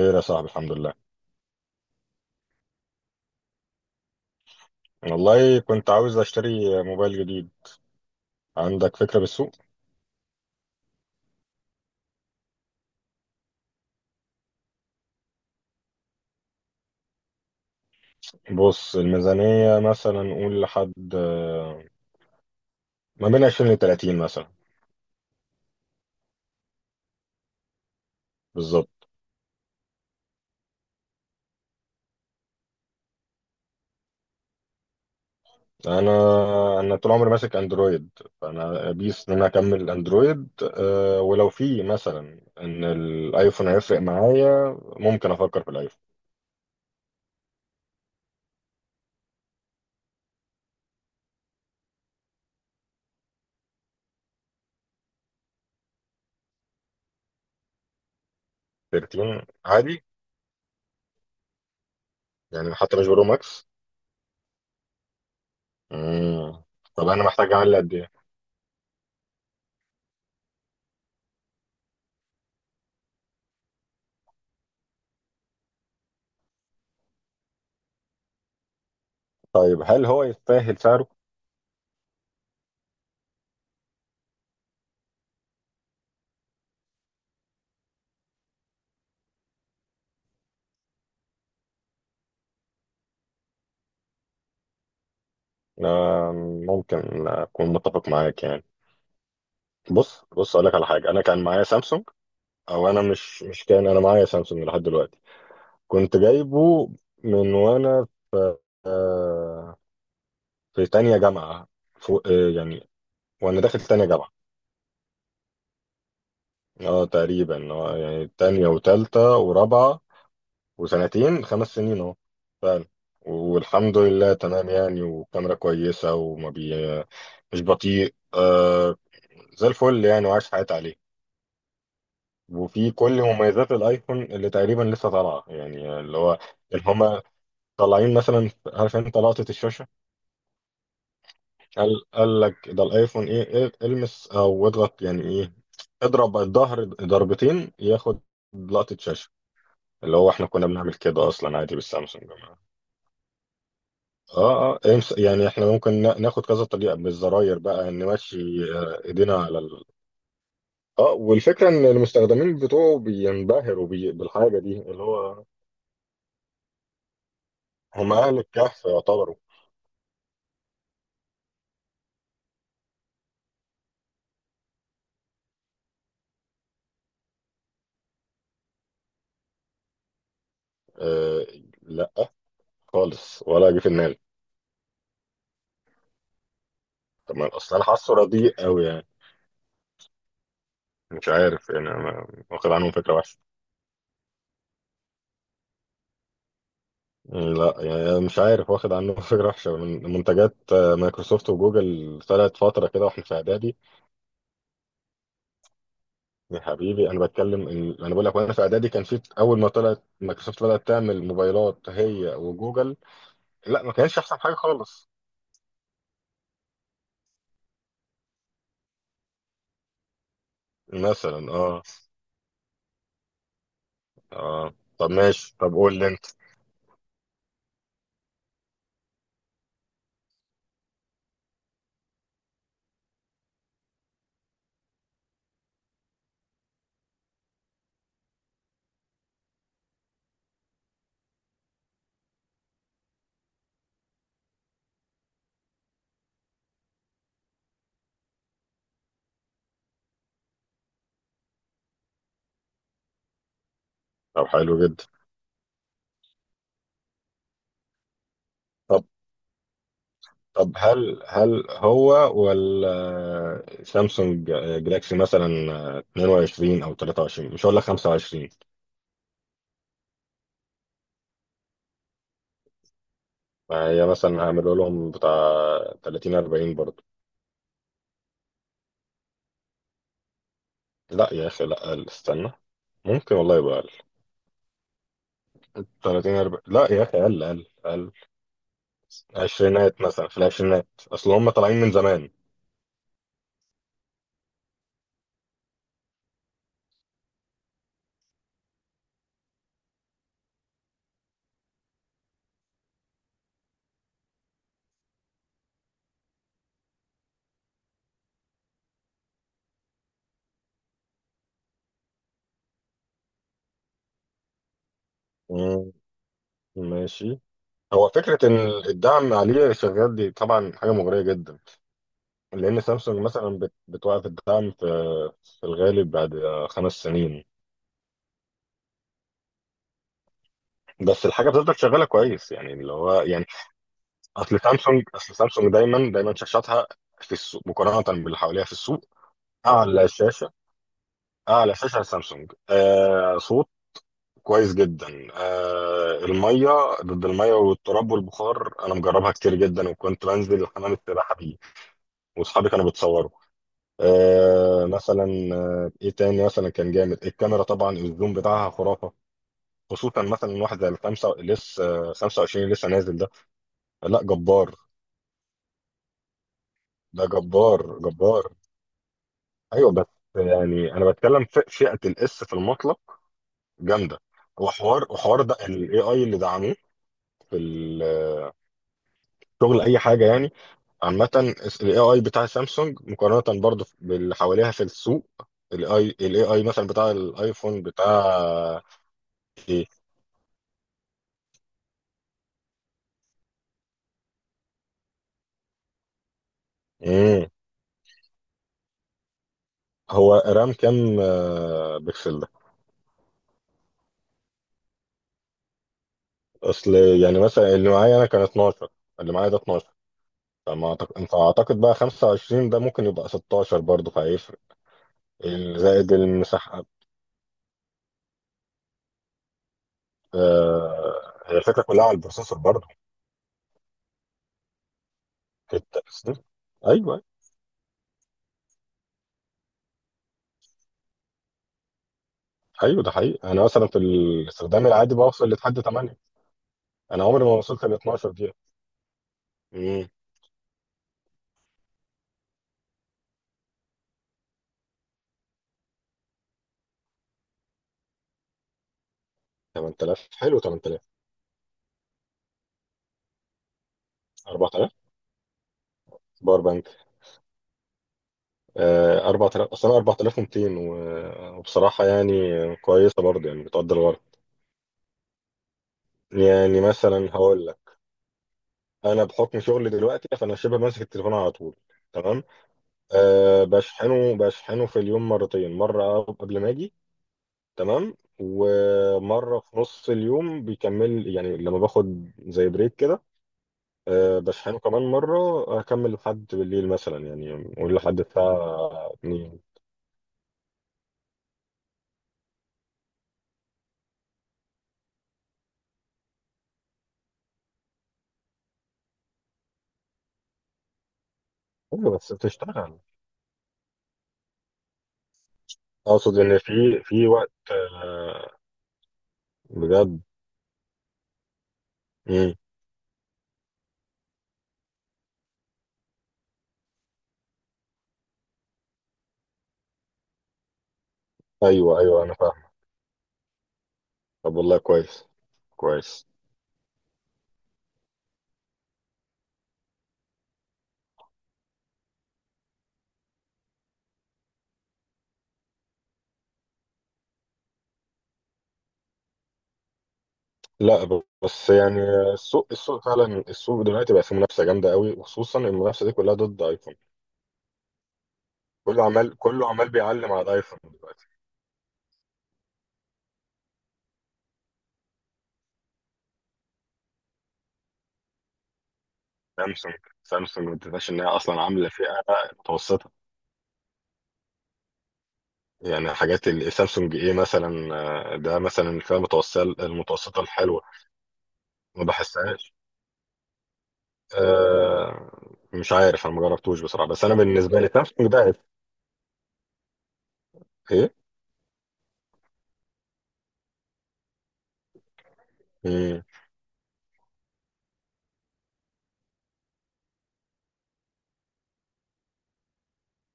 خير يا صاحبي، الحمد لله. والله كنت عاوز اشتري موبايل جديد. عندك فكرة بالسوق؟ بص، الميزانية مثلا نقول لحد، ما بين 20 ل 30 مثلا. بالظبط. انا انا طول عمري ماسك اندرويد. فانا بيس ان انا اكمل اندرويد. ولو في مثلا ان الايفون هيفرق معايا ممكن افكر في الايفون 13 عادي. يعني حتى مش برو ماكس. مم. طب انا محتاج اعلي قد ايه؟ طيب، هل هو يستاهل سعره؟ آه، ممكن اكون متفق معاك يعني. بص بص، اقول لك على حاجه. انا كان معايا سامسونج او انا، مش كان. انا معايا سامسونج لحد دلوقتي. كنت جايبه من وانا، آه، في تانية جامعه فوق، يعني. وانا داخل تانية جامعه. اه تقريبا يعني تانية وتالتة ورابعه. وسنتين 5 سنين اهو فعلا. والحمد لله تمام، يعني وكاميرا كويسه وما بي. مش بطيء، زي الفل يعني وعايش حياتي عليه. وفي كل مميزات الايفون اللي تقريبا لسه طالعه، يعني اللي هو اللي هما طالعين مثلا. عارف انت لقطه الشاشه؟ قال لك ده الايفون ايه. المس او اضغط، يعني ايه. اضرب الظهر ضربتين، ياخد لقطه شاشه. اللي هو احنا كنا بنعمل كده اصلا عادي بالسامسونج يا جماعه. اه اه، امس يعني احنا ممكن ناخد كذا طريقه بالزراير بقى نمشي. ايدينا على ال... اه والفكره ان المستخدمين بتوعه بينبهروا بالحاجه دي اللي هو. هم اهل الكهف يعتبروا. أه، لا، خالص. ولا جه في دماغي. طب، ما اصل انا حاسه رديء قوي يعني. مش عارف يعني، انا واخد عنهم فكره وحشه. لا يعني، مش عارف، واخد عنه فكره وحشه من منتجات مايكروسوفت وجوجل. طلعت فتره كده واحنا في اعدادي. يا حبيبي، انا بتكلم إن انا بقول لك وانا في اعدادي، كان في اول ما طلعت مايكروسوفت بدات تعمل موبايلات هي وجوجل. لا، ما كانش احسن حاجه خالص. مثلا، اه. اه، طب ماشي. طب قول لي انت. طب حلو جدا. طب طب، هل هو ولا سامسونج جلاكسي مثلا؟ 22 او 23، مش هقول لك 25. ما هي مثلا هعمله لهم بتاع 30 40 برضه. لا يا اخي، لا اقل، استنى. ممكن والله يبقى اقل. 30 40؟ لا يا اخي، اقل اقل اقل. عشرينات مثلا، في العشرينات، اصل هم طالعين من زمان. مم، ماشي. هو فكرة إن الدعم عليه شغال، دي طبعا حاجة مغرية جدا. لأن سامسونج مثلا بتوقف الدعم في الغالب بعد 5 سنين. بس الحاجة بتفضل شغالة كويس يعني، اللي هو يعني. أصل سامسونج دايما دايما، شاشاتها في السوق مقارنة باللي حواليها في السوق. أعلى شاشة، أعلى شاشة سامسونج. صوت كويس جدا. المية، ضد المية والتراب والبخار. أنا مجربها كتير جدا، وكنت بنزل حمام السباحة بيه. وأصحابي كانوا بيتصوروا. مثلا. ايه تاني مثلا، كان جامد. الكاميرا طبعا الزوم بتاعها خرافه. خصوصا مثلا واحد زي الخمسه لسه، 25 اللي لسه نازل ده. لا، جبار. ده جبار جبار. ايوه بس، يعني انا بتكلم في فئه الاس في المطلق. جامده. وحوار ده الاي اي اللي دعموه في شغل اي حاجه يعني. عامه. الاي اي بتاع سامسونج مقارنه برضه باللي حواليها في السوق. الاي اي مثلا بتاع الايفون، بتاع ايه. هو رام كام، بكسل ده؟ اصل يعني مثلا اللي معايا انا كان 12، اللي معايا ده 12. فاعتقد بقى 25 ده ممكن يبقى 16 برضه، فهيفرق زائد المساحه. هي الفكره كلها على البروسيسور برضه في التأثير. ايوه ايوه، ده حقيقي. انا مثلا في الاستخدام العادي بوصل لحد 8. انا عمري ما وصلت ل 12 دي. امم 8000، حلو 8000. 4000. ب 4000 أصلا، 4200. وبصراحة يعني كويسة برضه، يعني بتقدر الغرض. يعني مثلا هقول لك. أنا بحكم شغلي دلوقتي فأنا شبه ماسك التليفون على طول. تمام. أه، بشحنه في اليوم مرتين، مرة قبل ما أجي. تمام. ومرة في نص اليوم بيكمل، يعني لما باخد زي بريك كده. أه، بشحنه كمان مرة. أكمل لحد بالليل مثلا، يعني قول لحد الساعة 2. أيوة، بس بتشتغل. اقصد ان في وقت، بجد. مم. ايوه ايوه، انا فاهم. طب والله، كويس كويس. لا، بس يعني. السوق فعلا، السوق دلوقتي بقى فيه منافسه جامده قوي. وخصوصا المنافسه دي كلها ضد ايفون. كله عمال بيعلم على الايفون دلوقتي. سامسونج سامسونج، ما تنساش ان هي اصلا عامله فئه متوسطه. يعني حاجات سامسونج، ايه مثلا؟ ده مثلا الفئه المتوسطه الحلوه. ما بحسهاش. آه، مش عارف، انا ما جربتوش بصراحه، بس انا بالنسبه لي سامسونج ده ايه. امم.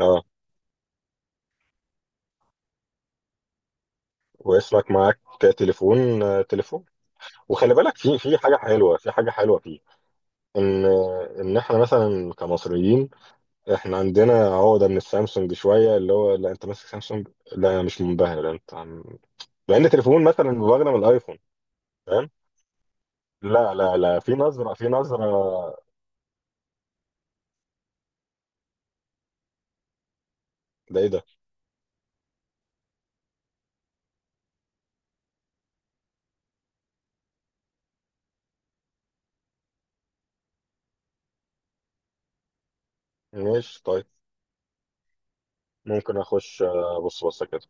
اه. ويسرق معاك تليفون، تليفون. وخلي بالك، في حاجه حلوه، في حاجه حلوه فيه. ان ان احنا مثلا كمصريين. احنا عندنا عقده من السامسونج شويه، اللي هو لا، انت ماسك سامسونج. لا انا مش منبهر، لا، انت عم... لان تليفون مثلا مبهر من الايفون. فاهم. لا لا لا، في نظره في نظره. ده ايه ده؟ ماشي، طيب. ممكن اخش، ابص بصه كده.